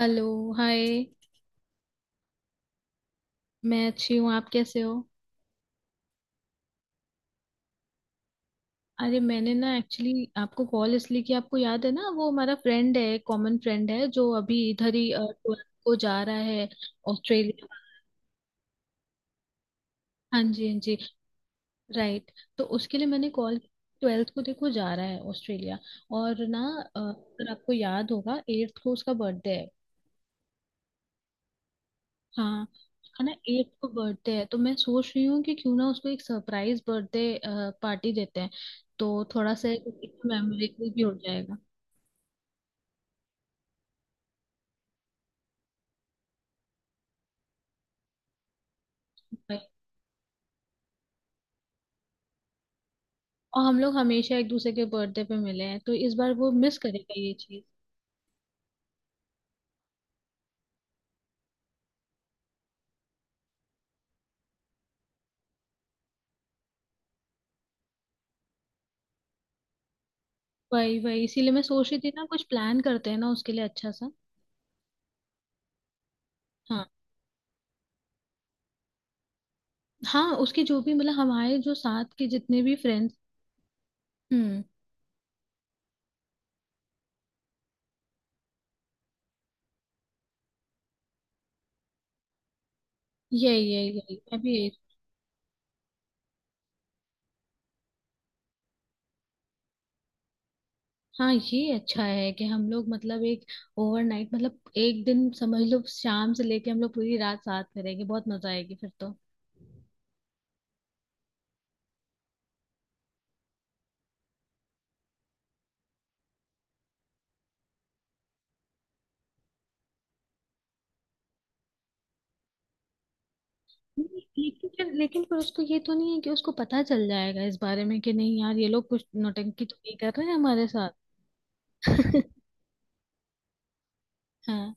Hello. Hi. मैं अच्छी हूँ, आप कैसे हो? अरे, मैंने ना एक्चुअली आपको कॉल इसलिए किया, आपको याद है ना वो हमारा फ्रेंड है, कॉमन फ्रेंड है, जो अभी इधर ही ट्वेल्थ को जा रहा है ऑस्ट्रेलिया। हाँ जी हाँ जी। राइट। तो उसके लिए मैंने कॉल, ट्वेल्थ को देखो जा रहा है ऑस्ट्रेलिया, और ना अगर आपको याद होगा एट्थ को उसका बर्थडे है। हाँ। है ना, एट को बर्थडे है, तो मैं सोच रही हूँ कि क्यों ना उसको एक सरप्राइज बर्थडे पार्टी देते हैं, तो थोड़ा सा मेमोरेबल भी हो जाएगा। भाई, और हम लोग हमेशा एक दूसरे के बर्थडे पे मिले हैं, तो इस बार वो मिस करेगा ये चीज। वही वही, इसीलिए मैं सोच रही थी ना कुछ प्लान करते हैं ना उसके लिए अच्छा सा। हाँ हाँ, उसके जो भी मतलब हमारे जो साथ के जितने भी फ्रेंड्स। हम्म। यही यही यही मैं भी यही। हाँ, ये अच्छा है कि हम लोग मतलब एक ओवरनाइट, मतलब एक दिन समझ लो शाम से लेके हम लोग पूरी रात साथ में रहेंगे, बहुत मजा आएगी फिर तो। नहीं, लेकिन फिर उसको ये तो नहीं है कि उसको पता चल जाएगा इस बारे में कि नहीं यार ये लोग कुछ नौटंकी तो नहीं कर रहे हैं हमारे साथ। हाँ।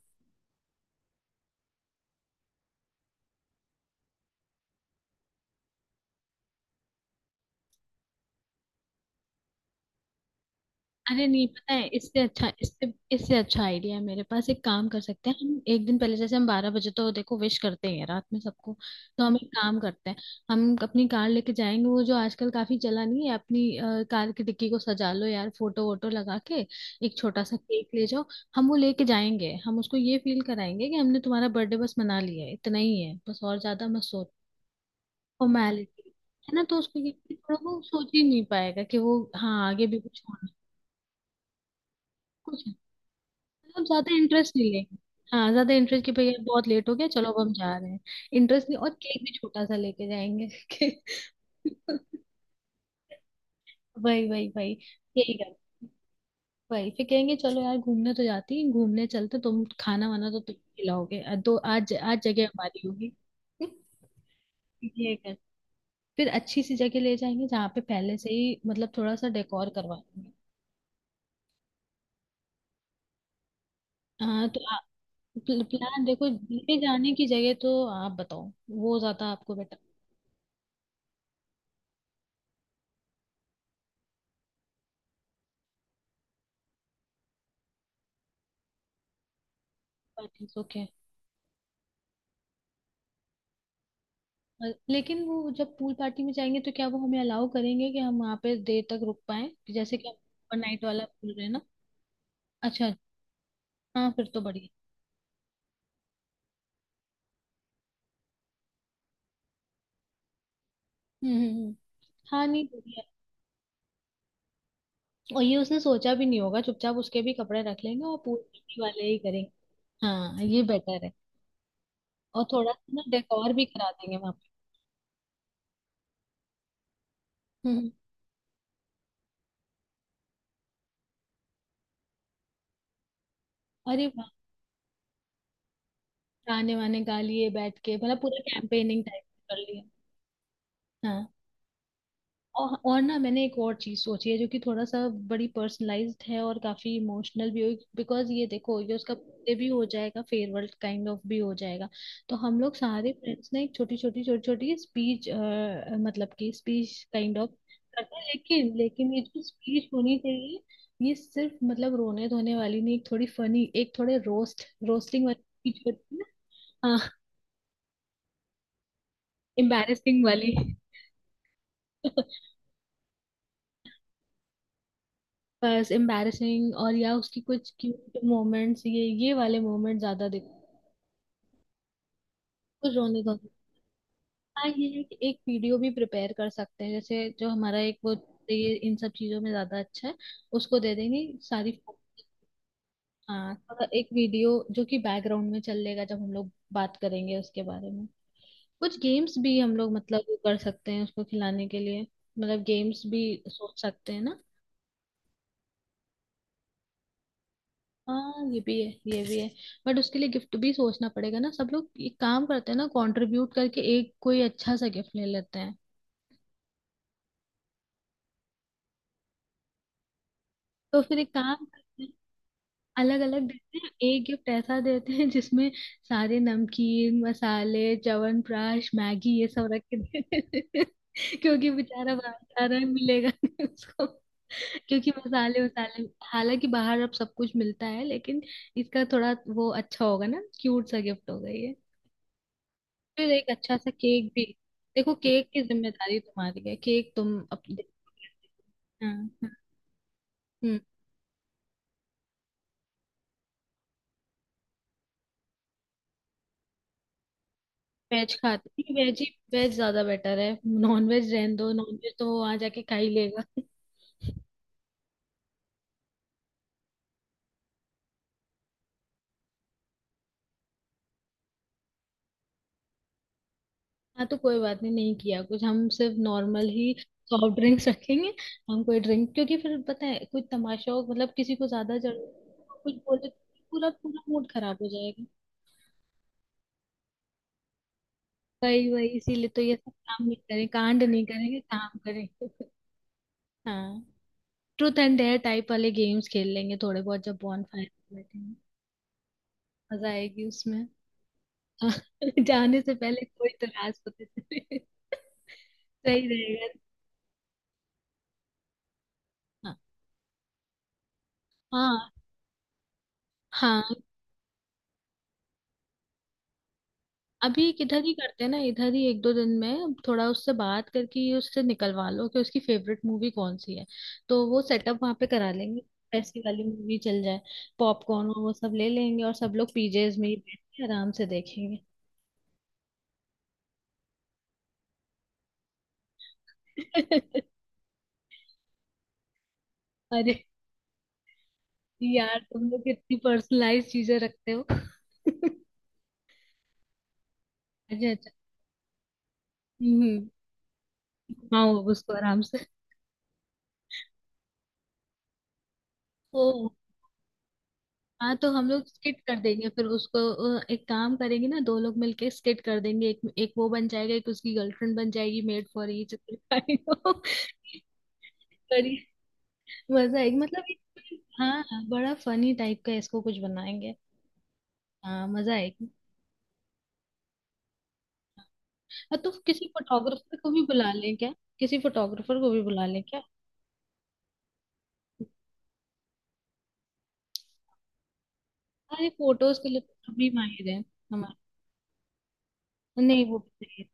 अरे नहीं, पता है इससे अच्छा आइडिया है मेरे पास, एक काम कर सकते हैं, हम एक दिन पहले जैसे हम बारह बजे तो देखो विश करते ही हैं रात में सबको, तो हम एक काम करते हैं, हम अपनी कार लेके जाएंगे, वो जो आजकल काफी चला नहीं है अपनी, कार की डिक्की को सजा लो यार फोटो वोटो लगा के, एक छोटा सा केक ले जाओ, हम वो लेके जाएंगे, हम उसको ये फील कराएंगे कि हमने तुम्हारा बर्थडे बस मना लिया है, इतना ही है बस, और ज्यादा मत सोच। फॉर्मेलिटी। है ना, तो उसको ये थोड़ा वो सोच ही नहीं पाएगा कि वो, हाँ, आगे भी कुछ होना कुछ है। मतलब ज्यादा इंटरेस्ट नहीं लेंगे। हाँ, ज्यादा इंटरेस्ट की, भैया बहुत लेट हो गया चलो अब हम जा रहे हैं। इंटरेस्ट नहीं, और केक भी छोटा सा लेके जाएंगे। वही वही वही। यही कर। वही फिर कहेंगे, चलो यार घूमने तो जाती है, घूमने चलते, तुम खाना वाना तो तुम खिलाओगे, तो आज आज जगह हमारी होगी। ये कर। फिर अच्छी सी जगह ले जाएंगे जहाँ पे पहले से ही मतलब थोड़ा सा डेकोर करवा देंगे। हाँ, तो आप प्लान देखो, ले जाने की जगह तो आप बताओ, वो ज्यादा आपको बेटर। ओके। लेकिन वो जब पूल पार्टी में जाएंगे तो क्या वो हमें अलाउ करेंगे कि हम वहाँ पे देर तक रुक पाए, जैसे कि हम नाइट वाला बोल रहे हैं ना। अच्छा। हाँ, फिर तो बढ़िया। हम्म हम्म हम्म। हाँ नहीं, बढ़िया। और ये उसने सोचा भी नहीं होगा, चुपचाप उसके भी कपड़े रख लेंगे और पूल पार्टी वाले ही करेंगे। हाँ, ये बेटर है। और थोड़ा सा ना डेकोर भी करा देंगे वहाँ पे। हम्म हम्म। अरे वाह! गाने वाने गा लिए बैठ के, मतलब पूरा कैंपेनिंग टाइप कर लिया। हाँ। और ना, मैंने एक और चीज सोची है जो कि थोड़ा सा बड़ी पर्सनलाइज्ड है और काफी इमोशनल भी होगी, बिकॉज ये देखो ये उसका birthday भी हो जाएगा, फेयरवेल काइंड ऑफ भी हो जाएगा। तो हम लोग सारे फ्रेंड्स ने एक छोटी छोटी छोटी छोटी स्पीच, मतलब कि स्पीच काइंड ऑफ करते हैं, लेकिन लेकिन ये जो स्पीच होनी चाहिए ये सिर्फ मतलब रोने धोने वाली नहीं, एक थोड़ी फनी, एक थोड़े रोस्ट रोस्टिंग वाली स्पीच होती है ना। हाँ, एम्बैरेसिंग वाली। बस एम्बैरसिंग, और या उसकी कुछ क्यूट मोमेंट्स, ये वाले मोमेंट ज्यादा दिख, कुछ रोने धोने। हाँ, ये है कि एक वीडियो भी प्रिपेयर कर सकते हैं, जैसे जो हमारा एक वो ये इन सब चीजों में ज्यादा अच्छा है, उसको दे देंगे सारी। हाँ, थोड़ा एक वीडियो जो कि बैकग्राउंड में चलेगा जब हम लोग बात करेंगे उसके बारे में। कुछ गेम्स भी हम लोग मतलब वो कर सकते हैं उसको खिलाने के लिए, मतलब गेम्स भी सोच सकते हैं ना। हाँ ये भी है ये भी है। बट उसके लिए गिफ्ट भी सोचना पड़ेगा ना, सब लोग एक काम करते हैं ना, कंट्रीब्यूट करके एक कोई अच्छा सा गिफ्ट ले लेते हैं। तो फिर एक काम करते हैं, अलग अलग देते हैं, एक गिफ्ट ऐसा देते हैं जिसमें सारे नमकीन मसाले च्यवनप्राश मैगी ये सब रख के देते हैं। क्योंकि बेचारा बाहर रहा, मिलेगा नहीं उसको, क्योंकि मसाले वसाले हालांकि बाहर अब सब कुछ मिलता है, लेकिन इसका थोड़ा वो अच्छा होगा ना, क्यूट सा गिफ्ट होगा ये। फिर एक अच्छा सा केक भी, देखो केक की जिम्मेदारी तुम्हारी है, केक तुम अपने। हाँ, हाँ। हम्म। वेज खाते वेज ही, वेज ज्यादा बेटर है। नॉन वेज रहने दो, नॉन वेज तो वो वहां जाके खा ही लेगा। हाँ, तो कोई बात नहीं, नहीं किया कुछ, हम सिर्फ नॉर्मल ही सॉफ्ट ड्रिंक्स रखेंगे। हम कोई ड्रिंक, क्योंकि फिर पता है कुछ तमाशा हो, मतलब किसी को ज्यादा जरूरत हो, तो कुछ बोले, तो पूरा पूरा मूड खराब हो जाएगा। वही वही, इसीलिए तो ये सब काम नहीं करें, कांड नहीं करेंगे, काम करेंगे। हाँ। ट्रूथ एंड डेयर टाइप वाले गेम्स खेल लेंगे थोड़े बहुत जब बॉन फायर बैठेंगे। मजा आएगी उसमें। जाने से पहले कोई तो राज पता चले, सही रहेगा। हाँ हाँ हाँ। अभी एक इधर ही करते हैं ना, इधर ही एक दो दिन में थोड़ा उससे बात करके ये उससे निकलवा लो कि उसकी फेवरेट मूवी कौन सी है, तो वो सेटअप वहां पे करा लेंगे। ऐसी वाली मूवी चल जाए, पॉपकॉर्न वो सब ले लेंगे और सब लोग पीजेज में ही बैठ के आराम से देखेंगे। अरे! यार तुम लोग कितनी पर्सनलाइज चीजें रखते हो। अच्छा अच्छा। हम्म। हाँ, वो उसको आराम से। ओ! हाँ, तो हम लोग स्किट कर देंगे फिर उसको। एक काम करेंगे ना, दो लोग मिलके स्किट कर देंगे, एक एक वो बन जाएगा, एक उसकी गर्लफ्रेंड बन जाएगी, मेड फॉर ईच करिए। मजा आएगी, मतलब हाँ हाँ, बड़ा फनी टाइप का इसको कुछ बनाएंगे। हाँ मजा आएगी। और तो किसी फोटोग्राफर को भी बुला लें क्या? किसी फोटोग्राफर को भी बुला लें क्या? अरे, फोटोज के लिए अभी माहिर है हमारे। नहीं, वो भी सही है।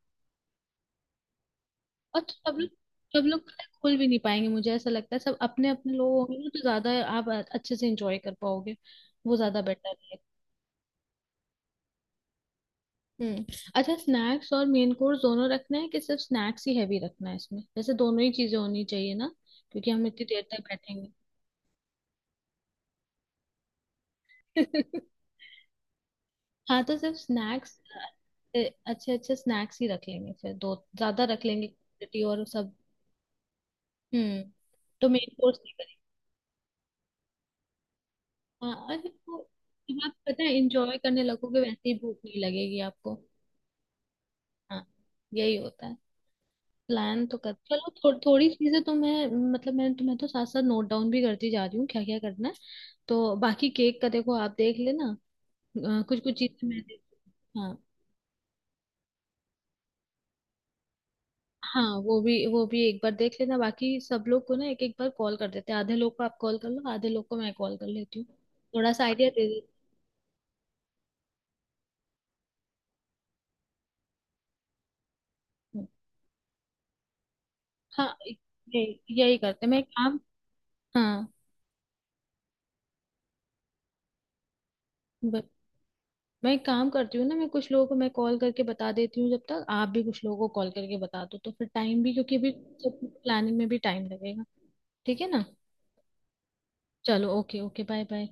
और तो सब लोग, सब लोग पता है खुल भी नहीं पाएंगे, मुझे ऐसा लगता है सब अपने अपने लोग होंगे ना, तो ज्यादा आप अच्छे से एंजॉय कर पाओगे, वो ज्यादा बेटर है। हम्म। अच्छा, स्नैक्स और मेन कोर्स दोनों रखना है कि सिर्फ स्नैक्स ही हैवी रखना है? इसमें वैसे दोनों ही चीजें होनी चाहिए ना, क्योंकि हम इतनी देर तक बैठेंगे। हाँ, तो सिर्फ स्नैक्स, अच्छे अच्छे स्नैक्स ही रख लेंगे, फिर दो ज्यादा रख लेंगे क्वांटिटी और सब। हम्म। तो मेन कोर्स, हाँ, और वो जब आप पता है इंजॉय करने लगोगे वैसे ही भूख नहीं लगेगी आपको। हाँ यही होता है। प्लान तो कर चलो, थोड़ी चीजें तो मैं, मतलब मैं तुम्हें तो साथ साथ नोट डाउन भी करती जा रही हूँ क्या क्या करना है, तो बाकी केक का देखो आप देख लेना, कुछ कुछ चीजें मैं देख। हाँ, हाँ, वो भी एक बार देख लेना, बाकी सब लोग को ना एक एक बार कॉल कर देते हैं, आधे लोग को आप कॉल कर लो, आधे लोग को मैं कॉल कर लेती हूँ, थोड़ा सा आइडिया दे देती हूँ। हाँ, यही यही करते हैं। मैं एक काम, हाँ, मैं एक काम करती हूँ ना, मैं कुछ लोगों को मैं कॉल करके बता देती हूँ, जब तक आप भी कुछ लोगों को कॉल करके बता दो, तो फिर टाइम भी, क्योंकि अभी सब प्लानिंग में भी टाइम लगेगा। ठीक है ना? चलो ओके ओके, बाय बाय।